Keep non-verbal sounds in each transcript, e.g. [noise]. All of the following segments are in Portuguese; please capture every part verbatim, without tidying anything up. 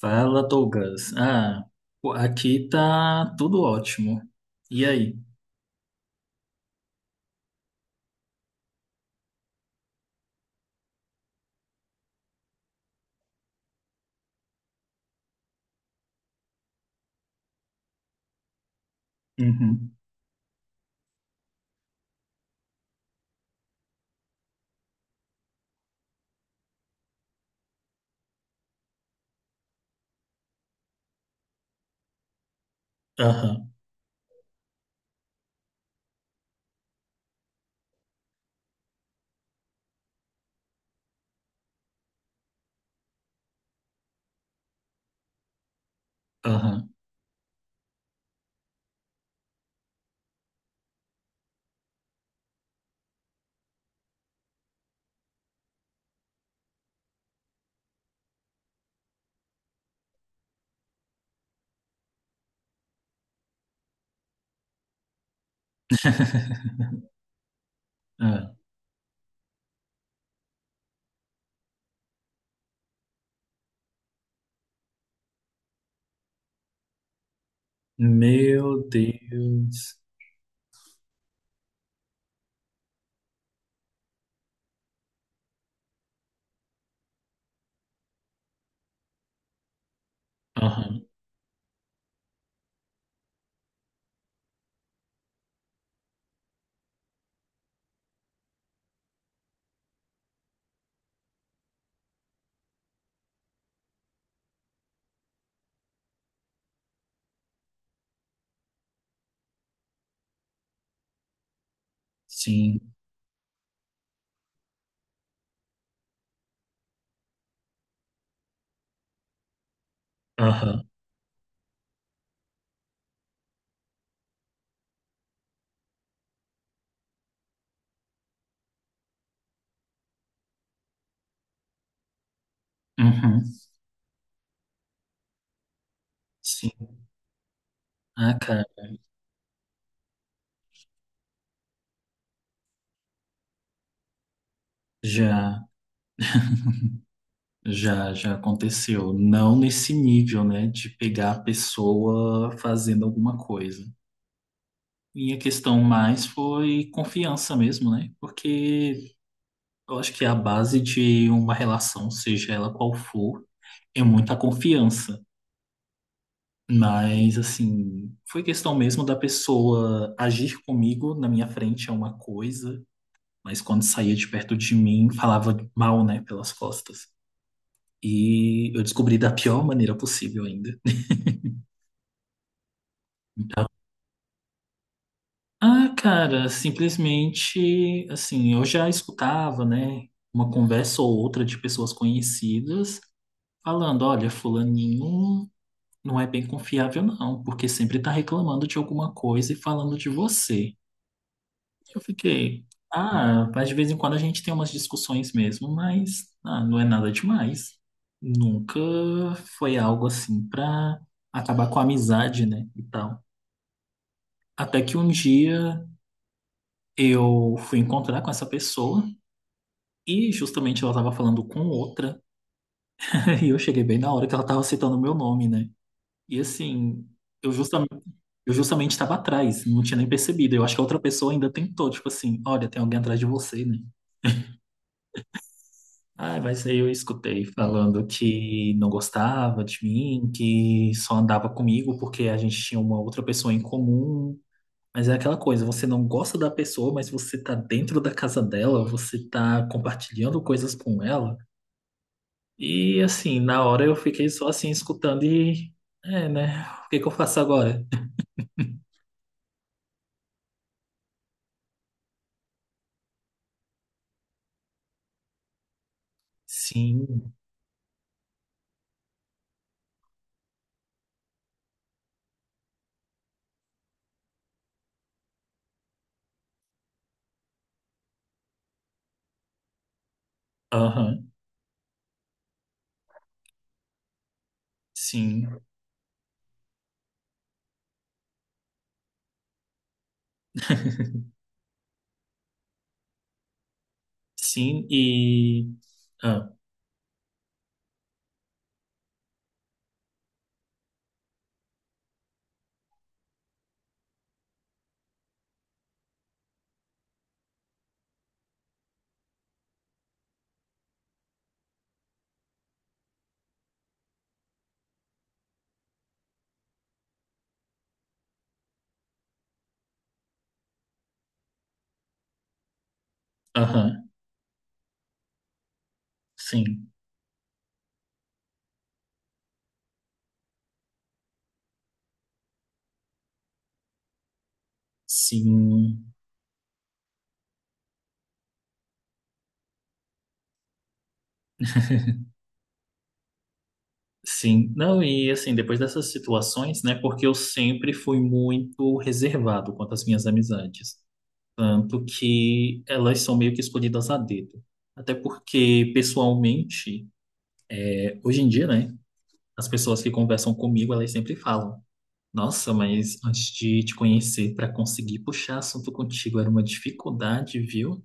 Fala, Douglas. Ah, pô, aqui tá tudo ótimo. E aí? Uhum. Aham, aham. [laughs] Ah, meu Deus. Aham, sim. Aham, uhum, sim. Ah, cara, já, já, já aconteceu. Não nesse nível, né, de pegar a pessoa fazendo alguma coisa. Minha questão mais foi confiança mesmo, né? Porque eu acho que a base de uma relação, seja ela qual for, é muita confiança. Mas, assim, foi questão mesmo da pessoa agir comigo na minha frente é uma coisa, mas quando saía de perto de mim, falava mal, né, pelas costas. E eu descobri da pior maneira possível ainda. Então, ah, cara, simplesmente, assim, eu já escutava, né, uma conversa ou outra de pessoas conhecidas falando: olha, fulaninho não é bem confiável, não, porque sempre está reclamando de alguma coisa e falando de você. Eu fiquei: ah, mas de vez em quando a gente tem umas discussões mesmo, mas ah, não é nada demais. Nunca foi algo assim pra acabar com a amizade, né? E tal. Até que um dia eu fui encontrar com essa pessoa e justamente ela tava falando com outra. [laughs] E eu cheguei bem na hora que ela tava citando o meu nome, né? E assim, eu justamente, eu justamente estava atrás, não tinha nem percebido. Eu acho que a outra pessoa ainda tentou, tipo assim: olha, tem alguém atrás de você, né? Ah, mas aí eu escutei falando que não gostava de mim, que só andava comigo porque a gente tinha uma outra pessoa em comum. Mas é aquela coisa, você não gosta da pessoa, mas você tá dentro da casa dela, você tá compartilhando coisas com ela. E assim, na hora eu fiquei só assim escutando e é, né? O que que eu faço agora? Sim. Aham, sim. [laughs] Sim, e. Ah, aham, sim. Sim, [laughs] sim. Não, e assim, depois dessas situações, né? Porque eu sempre fui muito reservado quanto às minhas amizades. Tanto que elas são meio que escolhidas a dedo. Até porque, pessoalmente, é, hoje em dia, né? As pessoas que conversam comigo, elas sempre falam: nossa, mas antes de te conhecer, para conseguir puxar assunto contigo era uma dificuldade, viu?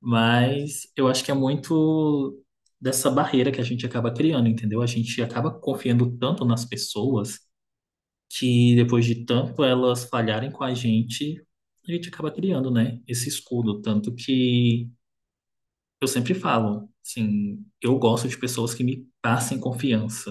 Mas eu acho que é muito dessa barreira que a gente acaba criando, entendeu? A gente acaba confiando tanto nas pessoas que depois de tanto elas falharem com a gente, a gente acaba criando, né, esse escudo. Tanto que eu sempre falo, assim, eu gosto de pessoas que me passem confiança.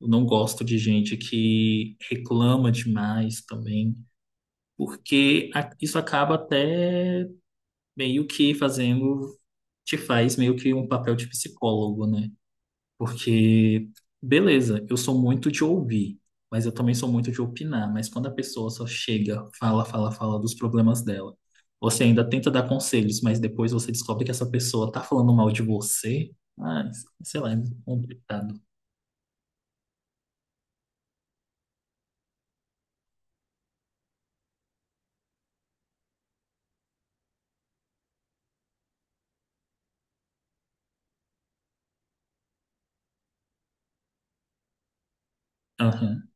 Eu não gosto de gente que reclama demais também, porque a- isso acaba até meio que fazendo, te faz meio que um papel de psicólogo, né? Porque, beleza, eu sou muito de ouvir, mas eu também sou muito de opinar. Mas quando a pessoa só chega, fala, fala, fala dos problemas dela, você ainda tenta dar conselhos, mas depois você descobre que essa pessoa tá falando mal de você, ah, sei lá, é complicado. Aham,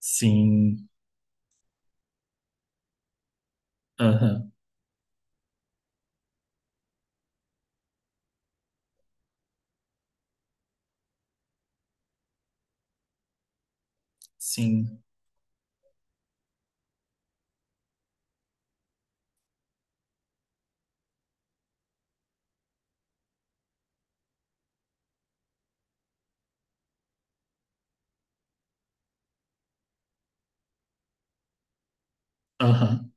sim, aham, sim, aham,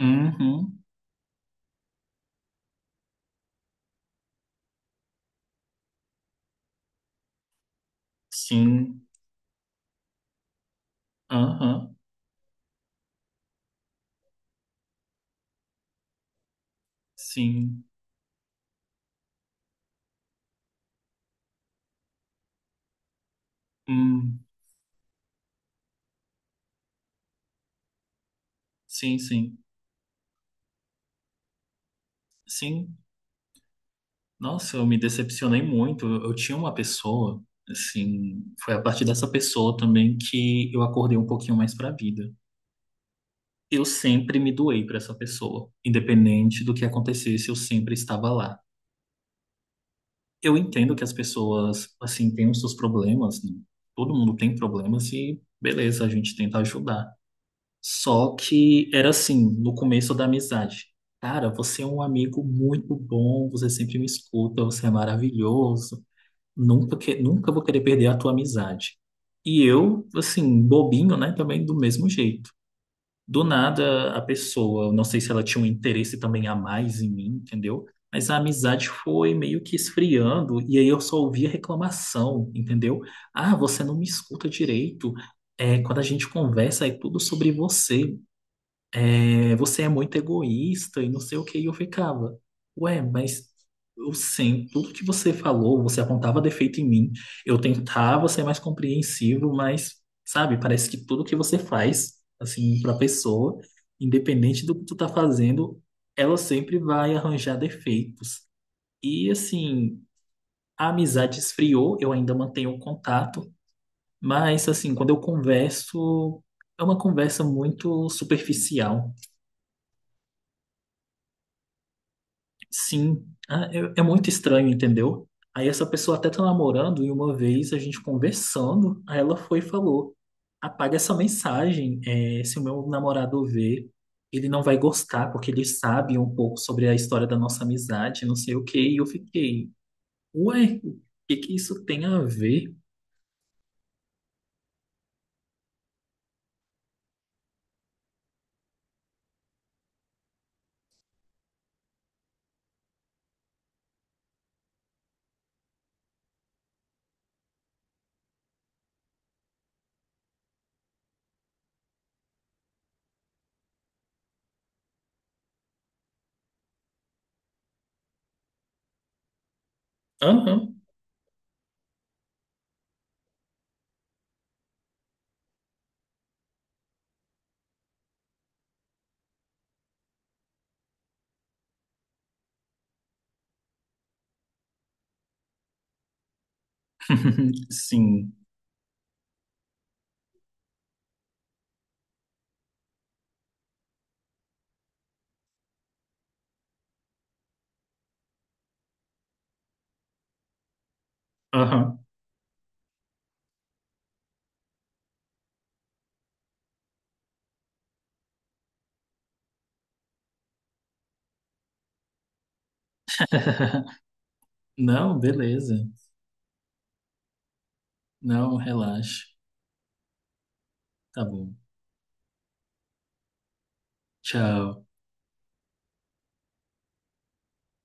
uhum, sim, aham, sim, hum, sim, sim. Sim, nossa, eu me decepcionei muito. Eu eu tinha uma pessoa, assim, foi a partir dessa pessoa também que eu acordei um pouquinho mais para a vida. Eu sempre me doei para essa pessoa, independente do que acontecesse, eu sempre estava lá. Eu entendo que as pessoas, assim, têm os seus problemas, né? Todo mundo tem problemas e beleza, a gente tenta ajudar. Só que era assim, no começo da amizade. Cara, você é um amigo muito bom, você sempre me escuta, você é maravilhoso. Nunca, que, nunca vou querer perder a tua amizade. E eu, assim, bobinho, né? Também do mesmo jeito. Do nada, a pessoa, eu não sei se ela tinha um interesse também a mais em mim, entendeu? Mas a amizade foi meio que esfriando, e aí eu só ouvia reclamação, entendeu? Ah, você não me escuta direito. É, quando a gente conversa, é tudo sobre você, é, você é muito egoísta e não sei o que. E eu ficava, ué, mas eu sei tudo que você falou, você apontava defeito em mim, eu tentava ser mais compreensivo, mas, sabe, parece que tudo que você faz, assim, pra pessoa, independente do que tu tá fazendo, ela sempre vai arranjar defeitos. E, assim, a amizade esfriou, eu ainda mantenho o contato, mas, assim, quando eu converso, é uma conversa muito superficial. Sim, ah, é, é muito estranho, entendeu? Aí essa pessoa até tá namorando e uma vez a gente conversando, aí ela foi e falou: apaga essa mensagem, é, se o meu namorado ver, ele não vai gostar, porque ele sabe um pouco sobre a história da nossa amizade, não sei o quê. E eu fiquei: ué, o que que isso tem a ver? Aham. [laughs] Sim, aham. [laughs] Não, beleza. Não, relaxa. Tá bom. Tchau.